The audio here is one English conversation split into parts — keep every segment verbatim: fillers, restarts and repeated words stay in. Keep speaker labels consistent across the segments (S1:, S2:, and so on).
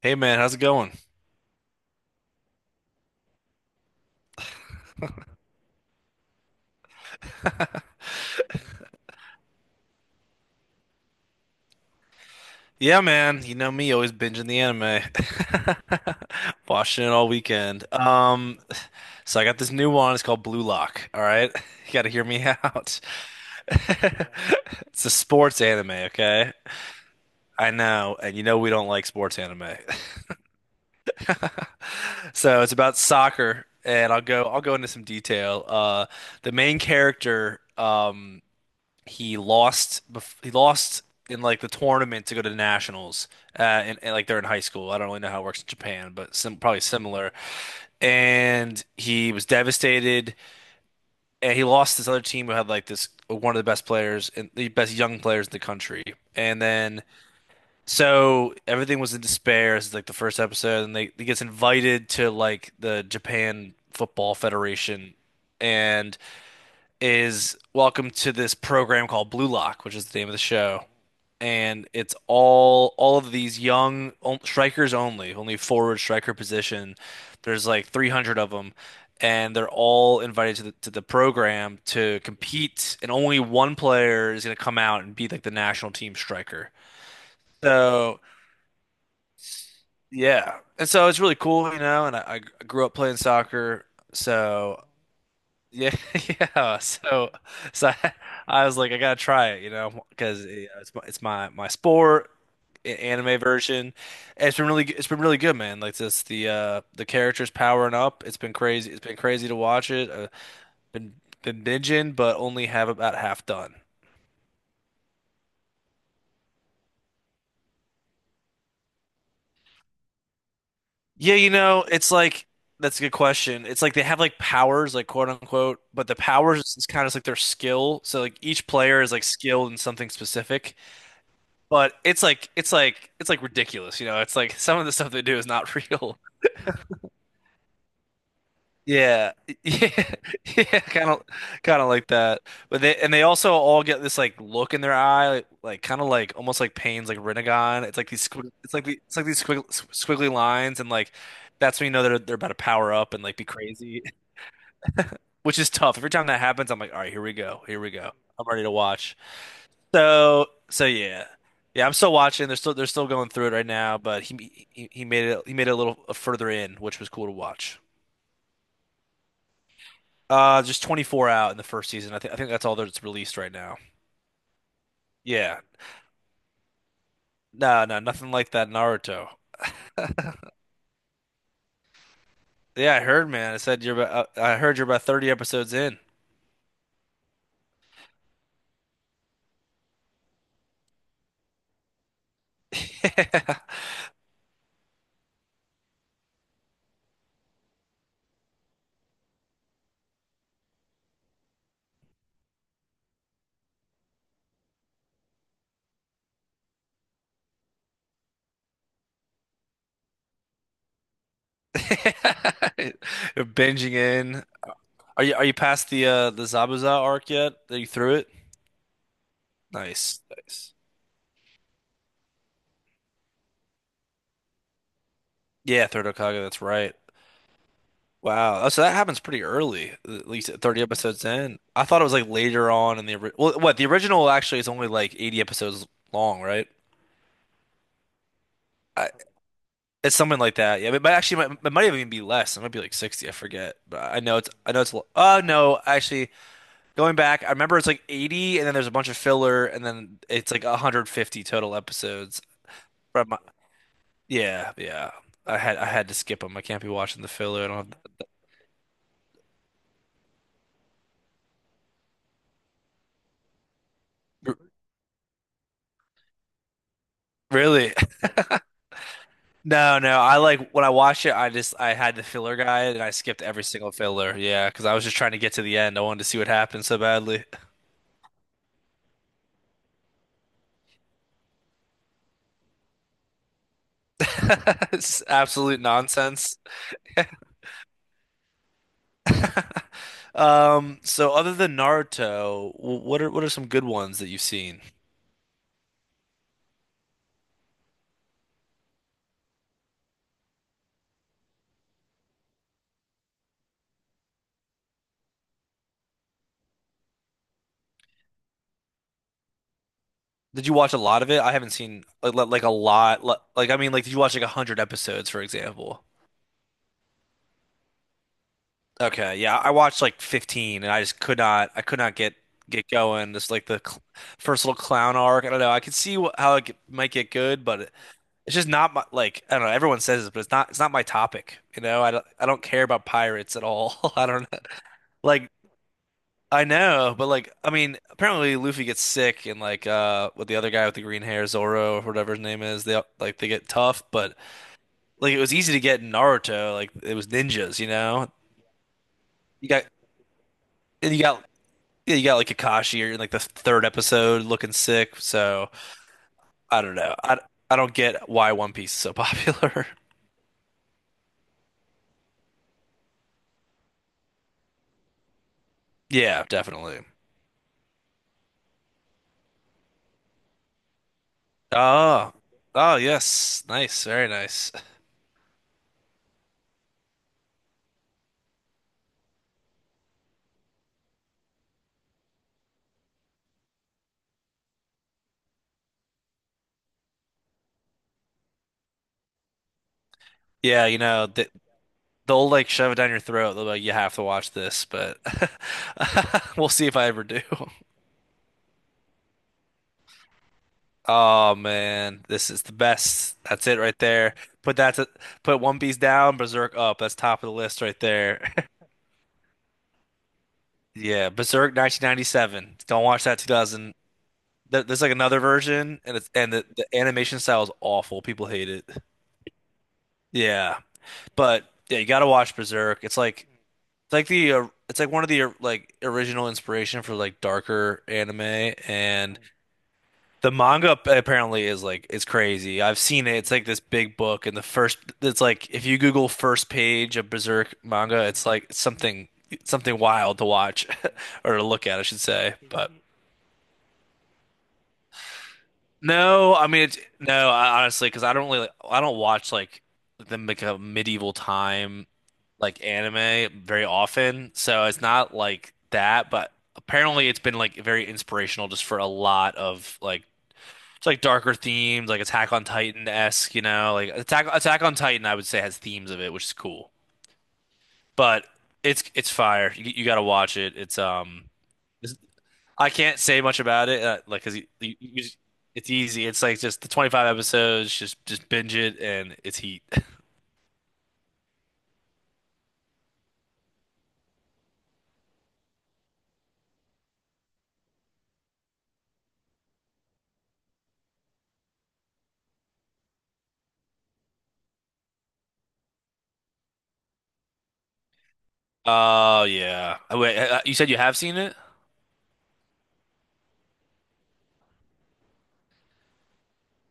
S1: Hey man, how's it going? Yeah, man, you know me, always binging the anime. Watching it all weekend. Um, so I got this new one, it's called Blue Lock, all right? You gotta hear me out. It's a sports anime, okay? I know, and you know we don't like sports anime. So it's about soccer, and I'll go I'll go into some detail. Uh, the main character, um he lost bef- he lost in like the tournament to go to the nationals uh and, and like they're in high school. I don't really know how it works in Japan, but sim probably similar. And he was devastated, and he lost this other team who had like this one of the best players and the best young players in the country, and then, so everything was in despair. This is like the first episode, and they he gets invited to like the Japan Football Federation and is welcome to this program called Blue Lock, which is the name of the show. And it's all all of these young on- strikers, only, only forward striker position. There's like three hundred of them, and they're all invited to the to the program to compete. And only one player is going to come out and be like the national team striker. So yeah, and so it's really cool, you know. And I, I grew up playing soccer, so yeah, yeah. So, so I, I was like, I gotta try it, you know, because it's my, it's my my sport, a- anime version. And it's been really, g- it's been really good, man. Like this, the uh the characters powering up. It's been crazy. It's been crazy to watch it. Uh, been been binging, but only have about half done. Yeah, you know, it's like that's a good question. It's like they have like powers, like quote unquote, but the powers is kind of like their skill. So like each player is like skilled in something specific. But it's like it's like it's like ridiculous, you know. It's like some of the stuff they do is not real. Yeah. Yeah. Yeah, kind of kind of like that. But they, and they also all get this like look in their eye, like, like kind of like almost like Payne's like Rinnegan. It's like these squig- it's like the, it's like these squig squiggly lines, and like that's when you know they're they're about to power up and like be crazy, which is tough. Every time that happens, I'm like, "All right, here we go. Here we go. I'm ready to watch." So so yeah. Yeah, I'm still watching. They're still they're still going through it right now, but he he, he made it, he made it a little further in, which was cool to watch. Uh, just twenty-four out in the first season. I think I think that's all that's released right now. Yeah. No, no, Nothing like that Naruto. Yeah, I heard, man. I said you're about uh, I heard you're about thirty episodes in. Yeah. You're binging in. Are you are you past the uh the Zabuza arc yet? Are you through it? Nice. Nice. Yeah, Third Hokage, that's right. Wow. Oh, so that happens pretty early, at least at thirty episodes in. I thought it was like later on in the ori- well, what the original actually is only like eighty episodes long, right? I, it's something like that. Yeah, but, but actually, it might, it might even be less. It might be like sixty. I forget. But I know it's I know it's, l- oh no, actually, going back, I remember it's like eighty, and then there's a bunch of filler, and then it's like one hundred fifty total episodes. From my- yeah, yeah. I had I had to skip them. I can't be watching the filler. I don't have, Really? No, no. I like when I watched it, I just I had the filler guide, and I skipped every single filler. Yeah, because I was just trying to get to the end. I wanted to see what happened so badly. It's absolute nonsense. Um, so other than Naruto, wh- what are what are some good ones that you've seen? Did you watch a lot of it? I haven't seen like li- like a lot. li- Like I mean, like did you watch like a hundred episodes, for example? Okay, yeah, I watched like fifteen, and I just could not I could not get get going. Just like the cl first little clown arc. I don't know. I could see wh how it get, might get good, but it- it's just not my like, I don't know. Everyone says this, but it's not it's not my topic, you know? I don't I don't care about pirates at all. I don't know. Like, I know, but like I mean, apparently Luffy gets sick and like uh with the other guy with the green hair, Zoro or whatever his name is, they like they get tough, but like it was easy to get in Naruto, like it was ninjas, you know? You got and you got yeah, you got like Kakashi or like the third episode looking sick. So I don't know. I I don't get why One Piece is so popular. Yeah, definitely. Oh, oh yes, nice, very nice. Yeah, you know they, they'll like shove it down your throat. They'll be like, you have to watch this, but we'll see if I ever do. Oh man, this is the best. That's it right there. Put that to, Put One Piece down, Berserk up. That's top of the list right there. Yeah, Berserk nineteen ninety-seven. Don't watch that two thousand. There- There's like another version, and it's and the, the animation style is awful. People hate it. Yeah, but yeah, you gotta watch Berserk. It's like it's like the uh, it's like one of the uh, like original inspiration for like darker anime, and the manga p- apparently is like it's crazy. I've seen it. It's like this big book, and the first it's like if you Google first page of Berserk manga, it's like something something wild to watch or to look at, I should say. But no, I mean it's no, I, honestly, because I don't really, I don't watch like the like a medieval time like anime very often, so it's not like that. But apparently, it's been like very inspirational just for a lot of like it's like darker themes, like Attack on Titan-esque, you know, like Attack Attack on Titan, I would say, has themes of it, which is cool. But it's it's fire. You, you got to watch it. It's um. I can't say much about it, uh, like, cause you, you, you just- it's easy. It's like just the twenty-five episodes, just just binge it, and it's heat. Oh yeah. Oh, wait, uh, you said you have seen it?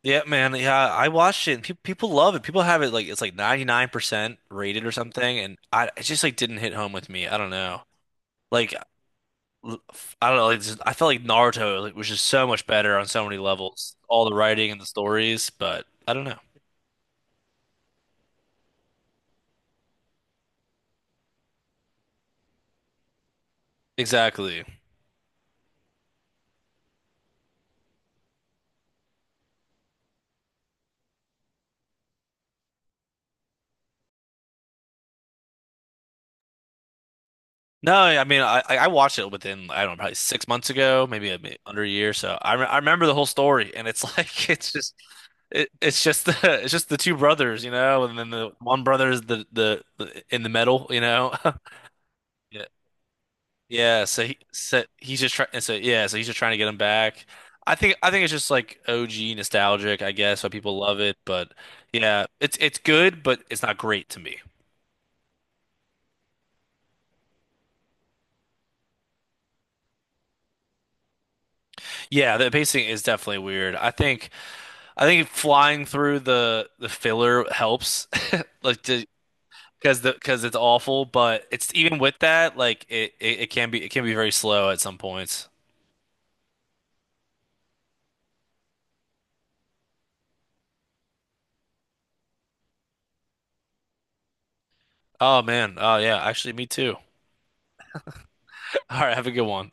S1: Yeah, man. Yeah, I watched it. And pe people love it. People have it like it's like ninety-nine percent rated or something, and I it just like didn't hit home with me. I don't know. Like l- I don't know. Like, just, I felt like Naruto, like, was just so much better on so many levels. All the writing and the stories, but I don't know. Exactly. No, I mean, I I I watched it within, I don't know, probably six months ago, maybe, a bit under a year. So I re I remember the whole story, and it's like it's just it, it's just the it's just the two brothers, you know, and then the one brother is the the, the in the middle, you know. Yeah, yeah. So he so he's just trying. So yeah, so he's just trying to get him back. I think I think it's just like O G nostalgic, I guess, so people love it. But yeah, it's it's good, but it's not great to me. Yeah, the pacing is definitely weird. I think. I think flying through the the filler helps, like to because the because it's awful. But it's even with that, like it, it it can be it can be very slow at some points. Oh man. Oh yeah. Actually, me too. All right. Have a good one.